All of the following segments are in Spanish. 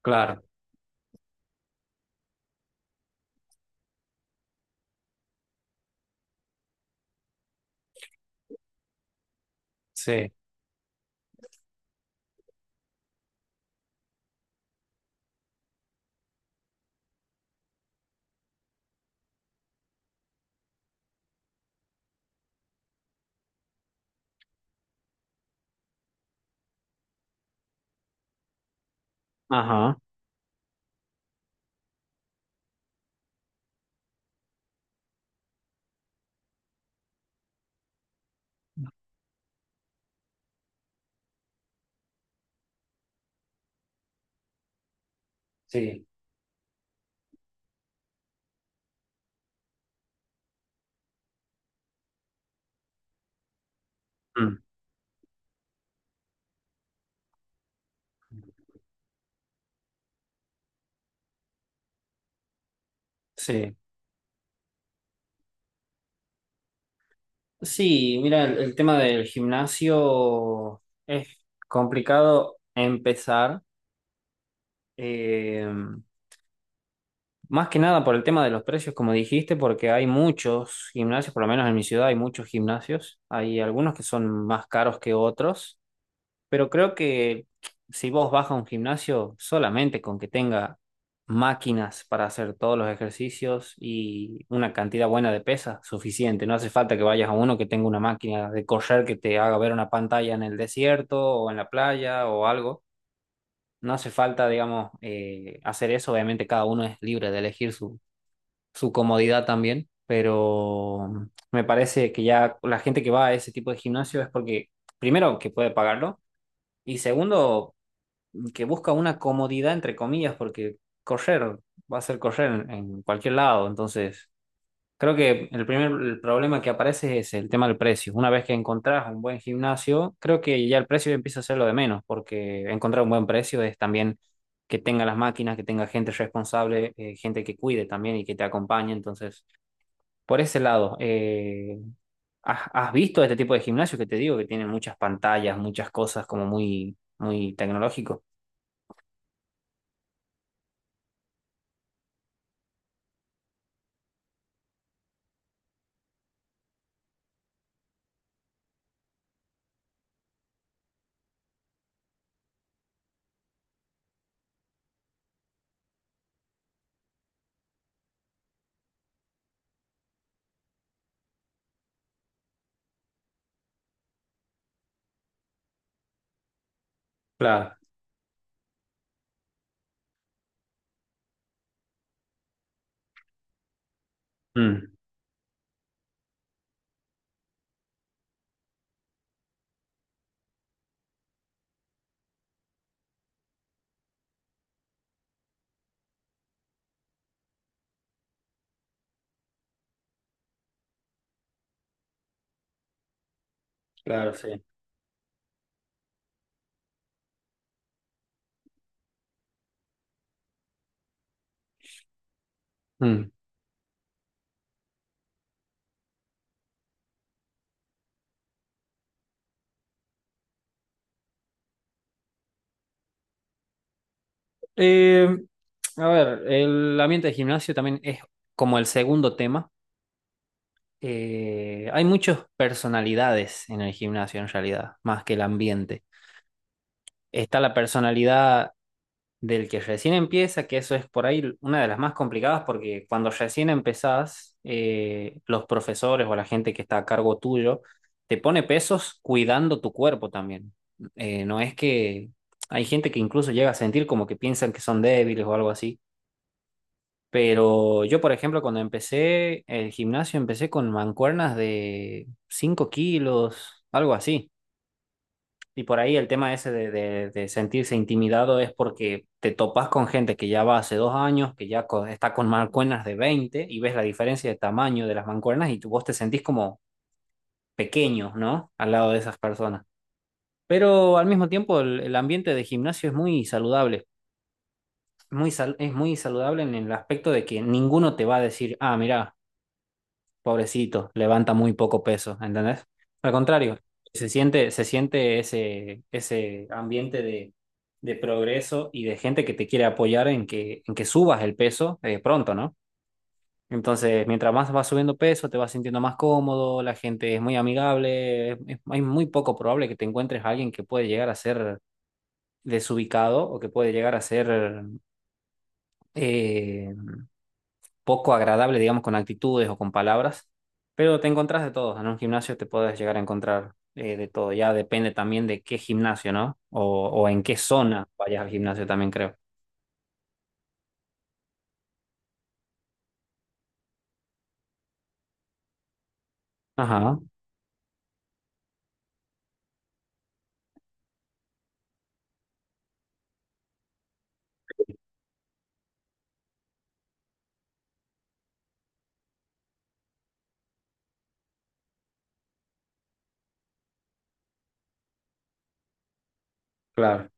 Claro, sí. Ajá. Sí, mm, sí. Sí, mira, el tema del gimnasio es complicado empezar, eh, más que nada por el tema de los precios, como dijiste, porque hay muchos gimnasios, por lo menos en mi ciudad hay muchos gimnasios, hay algunos que son más caros que otros. Pero creo que si vos vas a un gimnasio solamente con que tenga máquinas para hacer todos los ejercicios y una cantidad buena de pesas, suficiente. No hace falta que vayas a uno que tenga una máquina de correr que te haga ver una pantalla en el desierto o en la playa o algo. No hace falta, digamos, hacer eso. Obviamente cada uno es libre de elegir su, su comodidad también, pero me parece que ya la gente que va a ese tipo de gimnasio es porque, primero, que puede pagarlo. Y segundo, que busca una comodidad, entre comillas, porque correr va a ser correr en cualquier lado. Entonces, creo que el problema que aparece es ese, el tema del precio. Una vez que encontrás un buen gimnasio, creo que ya el precio empieza a ser lo de menos, porque encontrar un buen precio es también que tenga las máquinas, que tenga gente responsable, gente que cuide también y que te acompañe. Entonces, por ese lado, ¿has visto este tipo de gimnasios que te digo que tienen muchas pantallas, muchas cosas como muy, muy tecnológico? Claro. Mm. Claro, sí. Mm. Eh, a ver, el ambiente de gimnasio también es como el segundo tema. Hay muchas personalidades en el gimnasio en realidad, más que el ambiente. Está la personalidad del que recién empieza, que eso es por ahí una de las más complicadas porque cuando recién empezás, los profesores o la gente que está a cargo tuyo te pone pesos cuidando tu cuerpo también. No es que hay gente que incluso llega a sentir como que piensan que son débiles o algo así. Pero yo, por ejemplo, cuando empecé el gimnasio, empecé con mancuernas de 5 kilos, algo así. Y por ahí el tema ese de, sentirse intimidado es porque te topas con gente que ya va hace 2 años, que ya está con mancuernas de 20 y ves la diferencia de tamaño de las mancuernas y tú, vos te sentís como pequeño, ¿no? Al lado de esas personas. Pero al mismo tiempo el ambiente de gimnasio es muy saludable, es muy saludable en el aspecto de que ninguno te va a decir, ah, mira, pobrecito, levanta muy poco peso, ¿entendés? Al contrario, se siente ese, ambiente de progreso y de gente que te quiere apoyar en que subas el peso pronto, ¿no? Entonces, mientras más vas subiendo peso, te vas sintiendo más cómodo, la gente es muy amigable, hay muy poco probable que te encuentres a alguien que puede llegar a ser desubicado o que puede llegar a ser... eh, poco agradable, digamos, con actitudes o con palabras, pero te encontrás de todo. En un gimnasio te puedes llegar a encontrar de todo. Ya depende también de qué gimnasio, ¿no? O en qué zona vayas al gimnasio también, creo. Ajá, claro.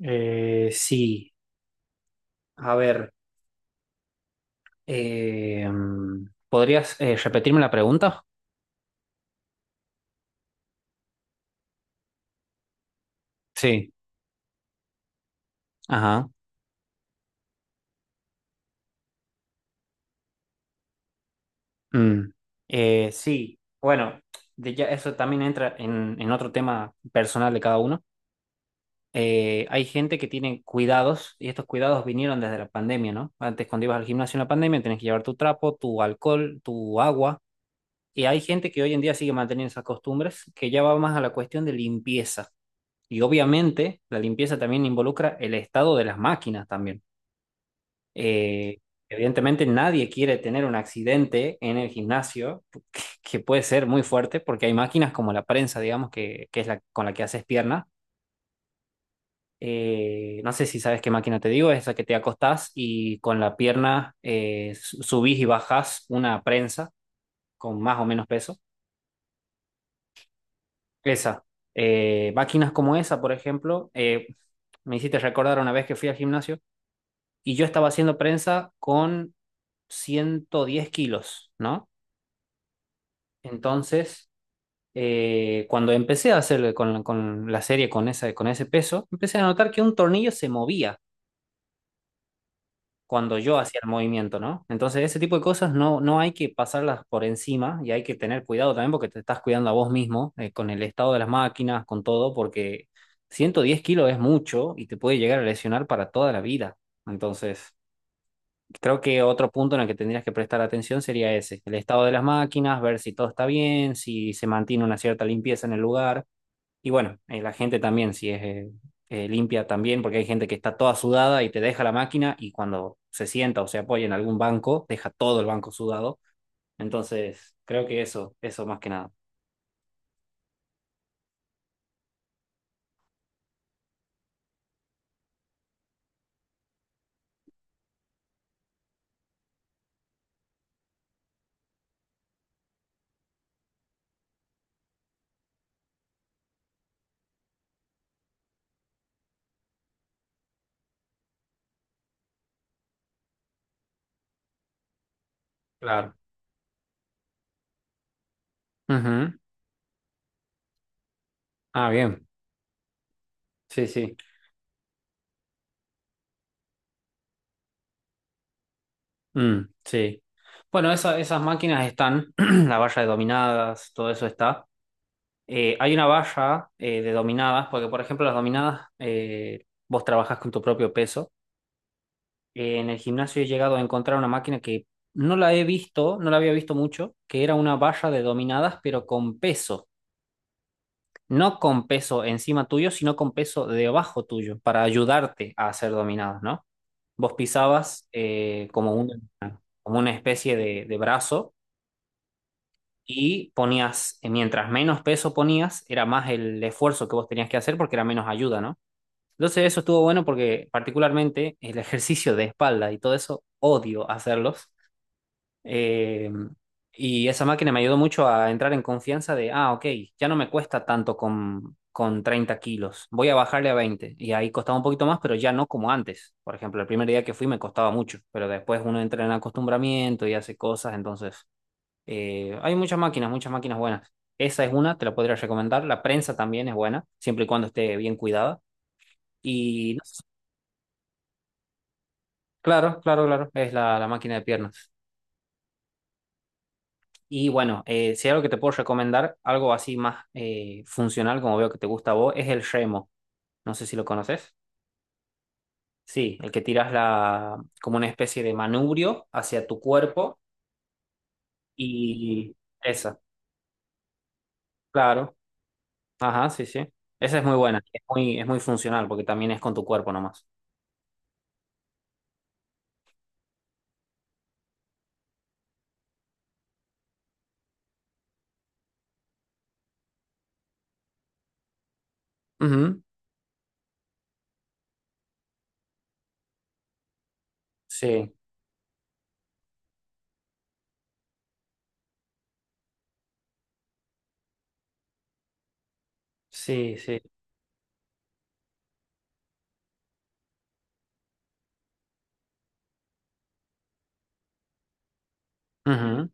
Sí, a ver, ¿podrías repetirme la pregunta? Sí. Ajá. Mm. Sí, bueno, de ya eso también entra en otro tema personal de cada uno. Hay gente que tiene cuidados y estos cuidados vinieron desde la pandemia, ¿no? Antes cuando ibas al gimnasio en la pandemia tenías que llevar tu trapo, tu alcohol, tu agua y hay gente que hoy en día sigue manteniendo esas costumbres que ya va más a la cuestión de limpieza y obviamente la limpieza también involucra el estado de las máquinas también. Eh, evidentemente nadie quiere tener un accidente en el gimnasio que puede ser muy fuerte porque hay máquinas como la prensa, digamos, que es la con la que haces piernas no sé si sabes qué máquina te digo, es esa que te acostás y con la pierna subís y bajás una prensa con más o menos peso. Esa. Máquinas como esa, por ejemplo, me hiciste recordar una vez que fui al gimnasio y yo estaba haciendo prensa con 110 kilos, ¿no? Entonces, cuando empecé a hacer con la serie con, esa, con ese peso, empecé a notar que un tornillo se movía, cuando yo hacía el movimiento, ¿no? Entonces, ese tipo de cosas no hay que pasarlas por encima y hay que tener cuidado también porque te estás cuidando a vos mismo con el estado de las máquinas, con todo, porque 110 kilos es mucho y te puede llegar a lesionar para toda la vida. Entonces, creo que otro punto en el que tendrías que prestar atención sería ese, el estado de las máquinas, ver si todo está bien, si se mantiene una cierta limpieza en el lugar. Y bueno, la gente también, si es limpia también, porque hay gente que está toda sudada y te deja la máquina y cuando se sienta o se apoya en algún banco, deja todo el banco sudado. Entonces, creo que eso, más que nada. Claro. Ujú. Ah, bien. Sí, sí. Mm, sí. Bueno, esas máquinas están, la valla de dominadas, todo eso está. Hay una valla de dominadas, porque por ejemplo las dominadas, vos trabajás con tu propio peso. En el gimnasio he llegado a encontrar una máquina que no la he visto, no la había visto mucho, que era una barra de dominadas, pero con peso. No con peso encima tuyo, sino con peso debajo tuyo, para ayudarte a hacer dominadas, ¿no? Vos pisabas como una, especie de brazo y ponías, mientras menos peso ponías, era más el esfuerzo que vos tenías que hacer porque era menos ayuda, ¿no? Entonces eso estuvo bueno porque particularmente el ejercicio de espalda y todo eso, odio hacerlos. Eh, y esa máquina me ayudó mucho a entrar en confianza de, ah, ok, ya no me cuesta tanto con 30 kilos, voy a bajarle a 20. Y ahí costaba un poquito más, pero ya no como antes. Por ejemplo, el primer día que fui me costaba mucho, pero después uno entra en acostumbramiento y hace cosas, entonces hay muchas máquinas buenas. Esa es una, te la podría recomendar. La prensa también es buena, siempre y cuando esté bien cuidada. Y no sé, claro, claro, claro, es la, máquina de piernas. Y bueno, si hay algo que te puedo recomendar, algo así más funcional, como veo que te gusta a vos, es el remo. No sé si lo conoces. Sí, el que tiras la, como una especie de manubrio hacia tu cuerpo y esa, claro. Ajá, sí, sí. Esa es muy buena, es muy, funcional porque también es con tu cuerpo nomás. Ujú. Sí, sí, sí. Ujú.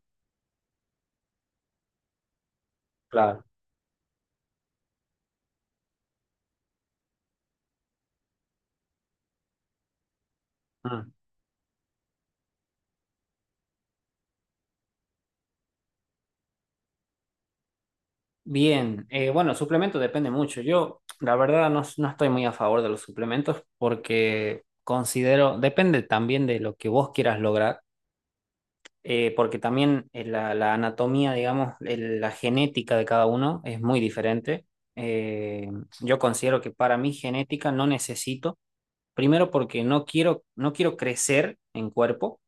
Claro. Bien, bueno, suplemento depende mucho. Yo, la verdad, no estoy muy a favor de los suplementos porque considero, depende también de lo que vos quieras lograr, porque también la anatomía, digamos, la genética de cada uno es muy diferente. Eh, yo considero que para mi genética no necesito, primero porque no quiero crecer en cuerpo.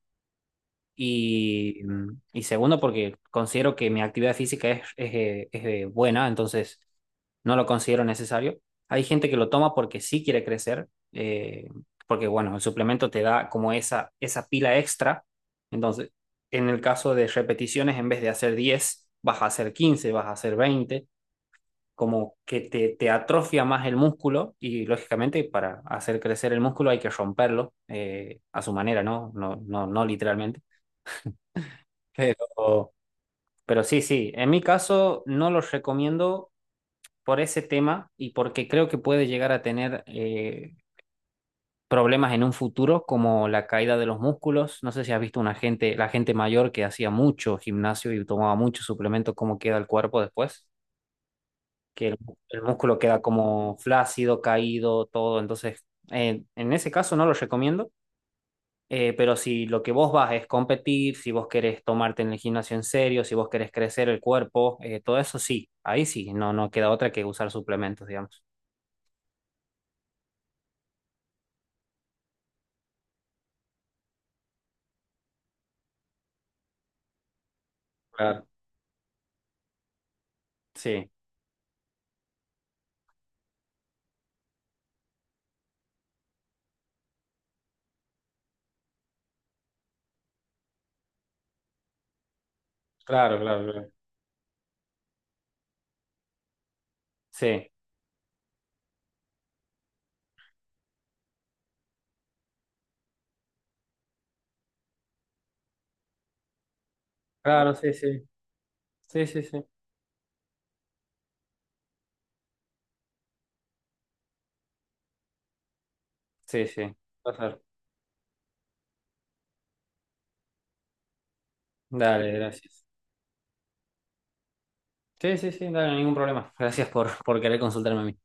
Y segundo, porque considero que mi actividad física es buena, entonces no lo considero necesario. Hay gente que lo toma porque sí quiere crecer, eh, porque bueno, el suplemento te da como esa, pila extra. Entonces, en el caso de repeticiones, en vez de hacer 10 vas a hacer 15 vas a hacer 20 como que te, atrofia más el músculo y lógicamente para hacer crecer el músculo hay que romperlo a su manera, ¿no? No, no, no literalmente, pero, pero sí, sí, en mi caso no los recomiendo por ese tema y porque creo que puede llegar a tener problemas en un futuro, como la caída de los músculos. No sé si has visto una gente, la gente mayor que hacía mucho gimnasio y tomaba mucho suplemento, cómo queda el cuerpo después, que el músculo queda como flácido, caído, todo. Entonces, En ese caso no los recomiendo. Pero si lo que vos vas es competir, si vos querés tomarte en el gimnasio en serio, si vos querés crecer el cuerpo, todo eso sí, ahí sí, no queda otra que usar suplementos, digamos. Claro. Sí, claro, claro, claro. Sí, claro, sí, sí. Sí, sí, sí. Sí, sí. Pasar. Dale. Dale, gracias. Sí, sí, sí, dale, ningún problema. Gracias por querer consultarme a mí.